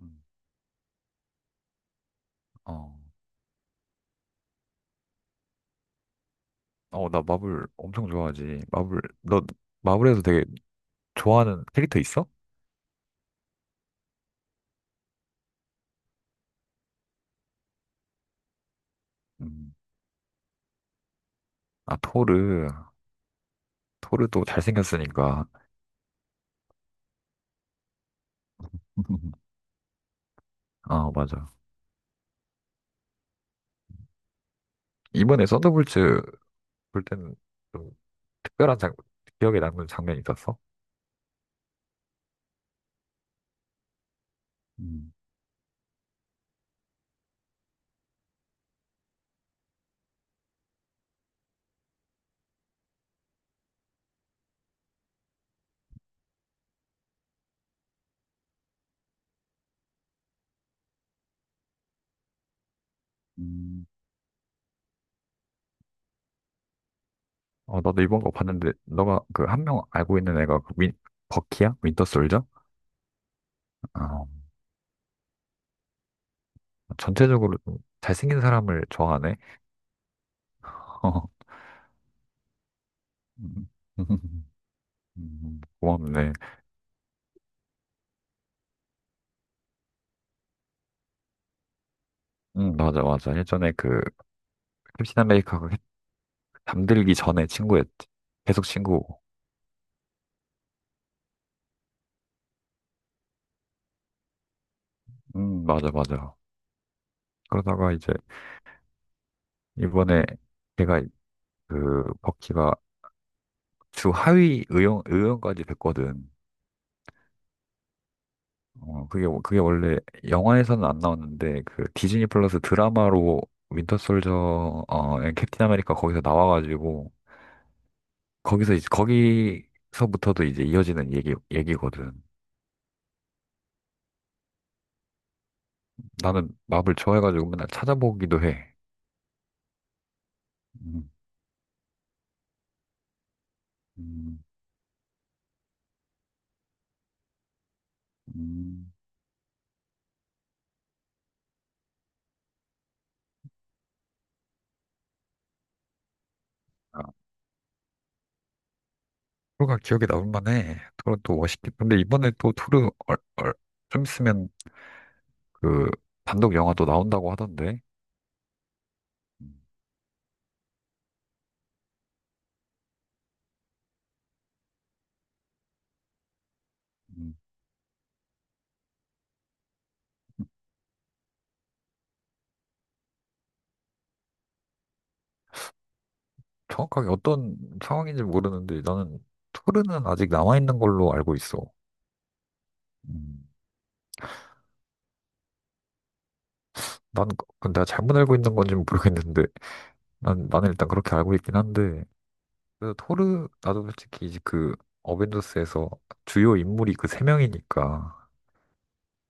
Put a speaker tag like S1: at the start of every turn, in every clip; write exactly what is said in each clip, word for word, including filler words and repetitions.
S1: 음, 어, 어, 나 마블 엄청 좋아하지. 마블, 너 마블에서 되게 좋아하는 캐릭터 있어? 음, 아, 토르. 토르도 잘생겼으니까. 아, 맞아. 이번에 썬더볼츠 볼 때는 좀 특별한 장, 기억에 남는 장면이 있었어? 음, 음. 어, 나도 이번 거 봤는데, 너가 그 한 명 알고 있는 애가 그 윈, 버키야? 윈터 솔저? 어, 전체적으로 좀 잘생긴 사람을 좋아하네. 어. 음. 음. 고맙네. 응, 맞아, 맞아. 예전에 그 캡틴 아메리카가 잠들기 전에 친구였지. 계속 친구고. 음, 맞아, 맞아. 그러다가 이제 이번에 걔가 그 버키가 주 하위 의원 의원까지 됐거든. 어, 그게 그게 원래 영화에서는 안 나왔는데 그 디즈니 플러스 드라마로 윈터 솔저 어 캡틴 아메리카 거기서 나와가지고 거기서 이제 거기서부터도 이제 이어지는 얘기 얘기거든. 나는 마블 좋아해가지고 맨날 찾아보기도 해. 음. 음. 음. 아, 토르가 기억에 남을 만해. 토르 또 멋있게. 근데 이번에 또 토르 얼, 얼, 좀 있으면 그 단독 영화도 나온다고 하던데. 음, 음. 정확하게 어떤 상황인지 모르는데 나는 토르는 아직 남아있는 걸로 알고 있어. 음. 난 그- 그건 내가 잘못 알고 있는 건지 모르겠는데 난 나는 일단 그렇게 알고 있긴 한데 그래서 토르 나도 솔직히 이제 그 어벤져스에서 주요 인물이 그 세 명이니까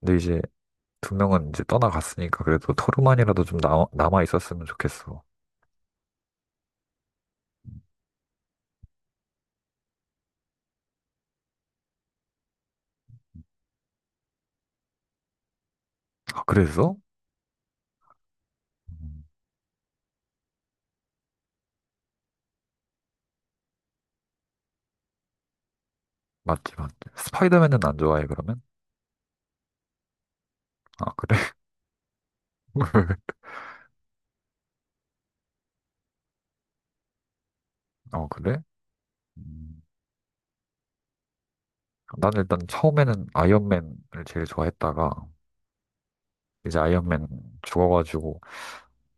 S1: 근데 이제 두 명은 이제 떠나갔으니까 그래도 토르만이라도 좀 남, 남아 있었으면 좋겠어. 아, 그래서? 음, 맞지, 맞지. 스파이더맨은 안 좋아해, 그러면? 아, 그래? 어, 그래? 음, 난 일단 처음에는 아이언맨을 제일 좋아했다가, 이제 아이언맨 죽어가지고,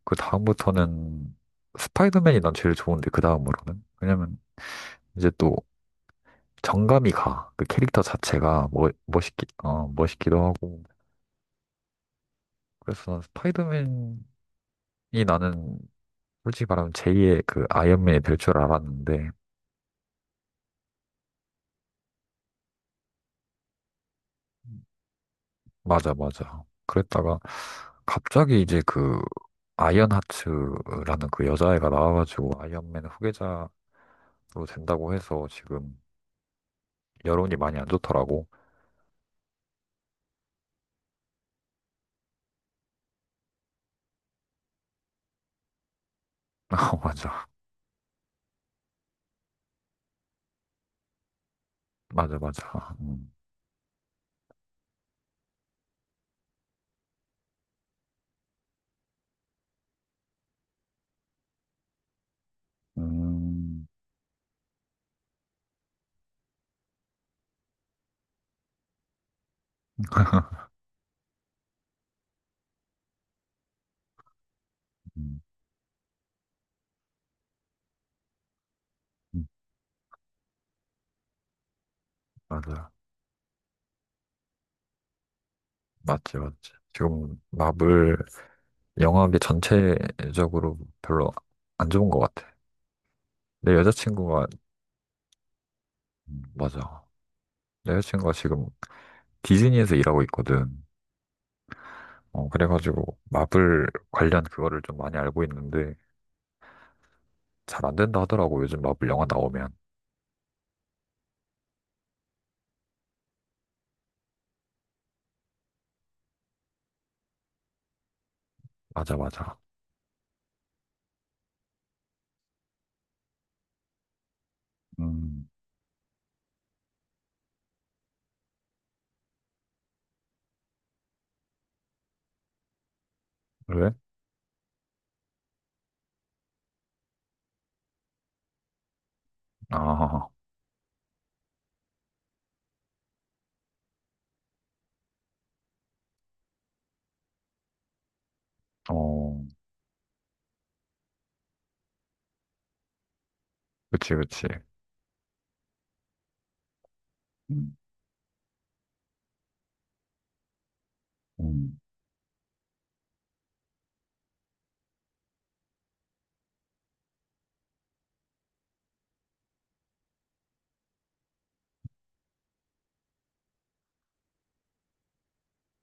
S1: 그 다음부터는 스파이더맨이 난 제일 좋은데, 그 다음으로는? 왜냐면, 이제 또 정감이 가. 그 캐릭터 자체가 멋, 멋있기, 어, 멋있기도 하고. 그래서 난 스파이더맨이 나는 솔직히 말하면 제이의 그 아이언맨이 될 줄 알았는데, 맞아, 맞아. 그랬다가 갑자기 이제 그 아이언하츠라는 그 여자애가 나와가지고 아이언맨 후계자로 된다고 해서 지금 여론이 많이 안 좋더라고. 어, 맞아, 맞아, 맞아. 음. 음. 음. 음. 맞아, 맞지, 맞지. 지금 마블 영화계 전체적으로 별로 안 좋은 것 같아. 내 여자친구가 음, 맞아. 내 여자친구가 지금 디즈니에서 일하고 있거든. 어, 그래가지고 마블 관련 그거를 좀 많이 알고 있는데 잘 안 된다 하더라고. 요즘 마블 영화 나오면. 맞아, 맞아. 음, 왜? 아, 어, 그치, 그치. 음, 음,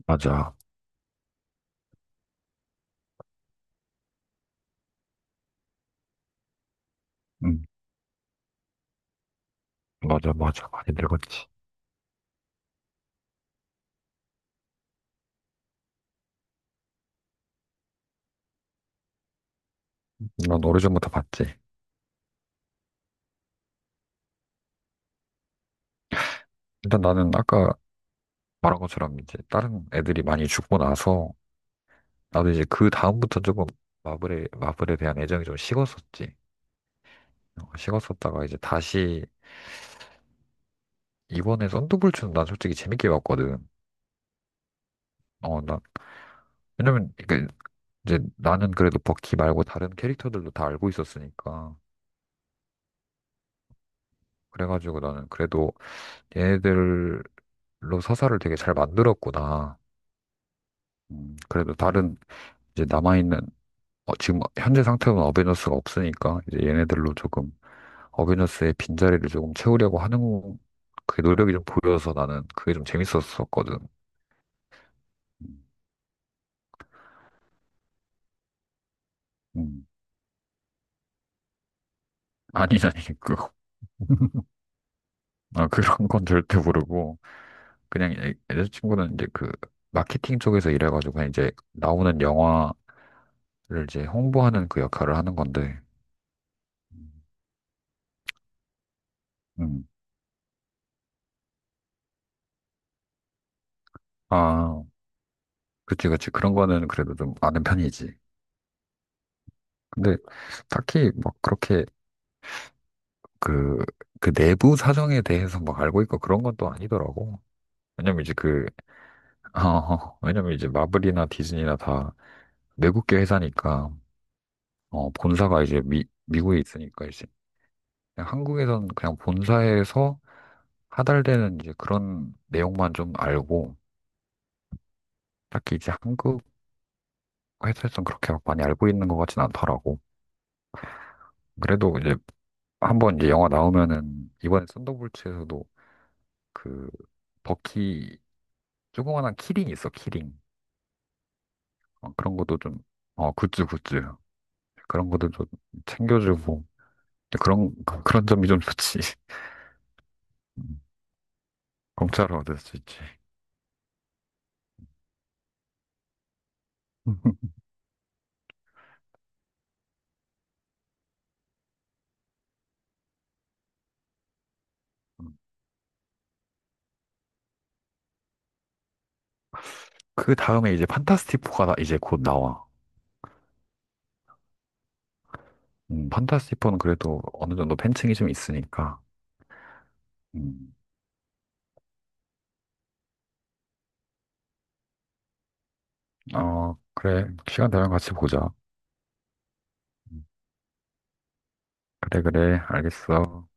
S1: 맞아. 음, 맞아, 맞아. 많이 늙었지. 난 오래전부터 봤지. 일단 나는 아까 말한 것처럼 이제 다른 애들이 많이 죽고 나서 나도 이제 그 다음부터 조금 마블에, 마블에 대한 애정이 좀 식었었지. 어, 식었었다가 이제 다시 이번에 썬더볼츠는 난 솔직히 재밌게 봤거든. 어, 나, 왜냐면, 이게 이제 나는 그래도 버키 말고 다른 캐릭터들도 다 알고 있었으니까. 그래가지고 나는 그래도 얘네들로 서사를 되게 잘 만들었구나. 음, 그래도 다른 이제 남아있는, 어, 지금 현재 상태로는 어벤져스가 없으니까 이제 얘네들로 조금 어벤져스의 빈자리를 조금 채우려고 하는 그 노력이 좀 보여서 나는 그게 좀 재밌었었거든. 음. 음. 아니, 아니, 그거. 아, 그런 건 절대 모르고, 그냥 애- 여자친구는 이제 그 마케팅 쪽에서 일해가지고, 그냥 이제 나오는 영화를 이제 홍보하는 그 역할을 하는 건데, 음. 음. 아, 그치, 그치. 그런 거는 그래도 좀 아는 편이지. 근데 딱히 막 그렇게 그, 그 내부 사정에 대해서 막 알고 있고 그런 건 또 아니더라고. 왜냐면 이제 그, 어, 어, 왜냐면 이제 마블이나 디즈니나 다 외국계 회사니까, 어, 본사가 이제 미, 미국에 있으니까 그냥 한국에서는 그냥 본사에서 하달되는 이제 그런 내용만 좀 알고 딱히 이제 한국 회사에서는 그렇게 막 많이 알고 있는 것 같진 않더라고. 그래도 이제 한번 이제 영화 나오면은 이번에 썬더볼츠에서도 그 버키 조그만한 키링 있어 키링. 어, 그런 것도 좀 어 굿즈 굿즈 그런 것도 좀 챙겨주고 그런 그런 점이 좀 좋지. 음, 공짜로 얻을 수 있지. 그 다음에 이제 판타스틱 사가 이제 곧 나와. 음, 판타스티포는 그래도 어느 정도 팬층이 좀 있으니까. 음, 어, 그래. 시간 되면 같이 보자. 음, 그래, 그래. 알겠어.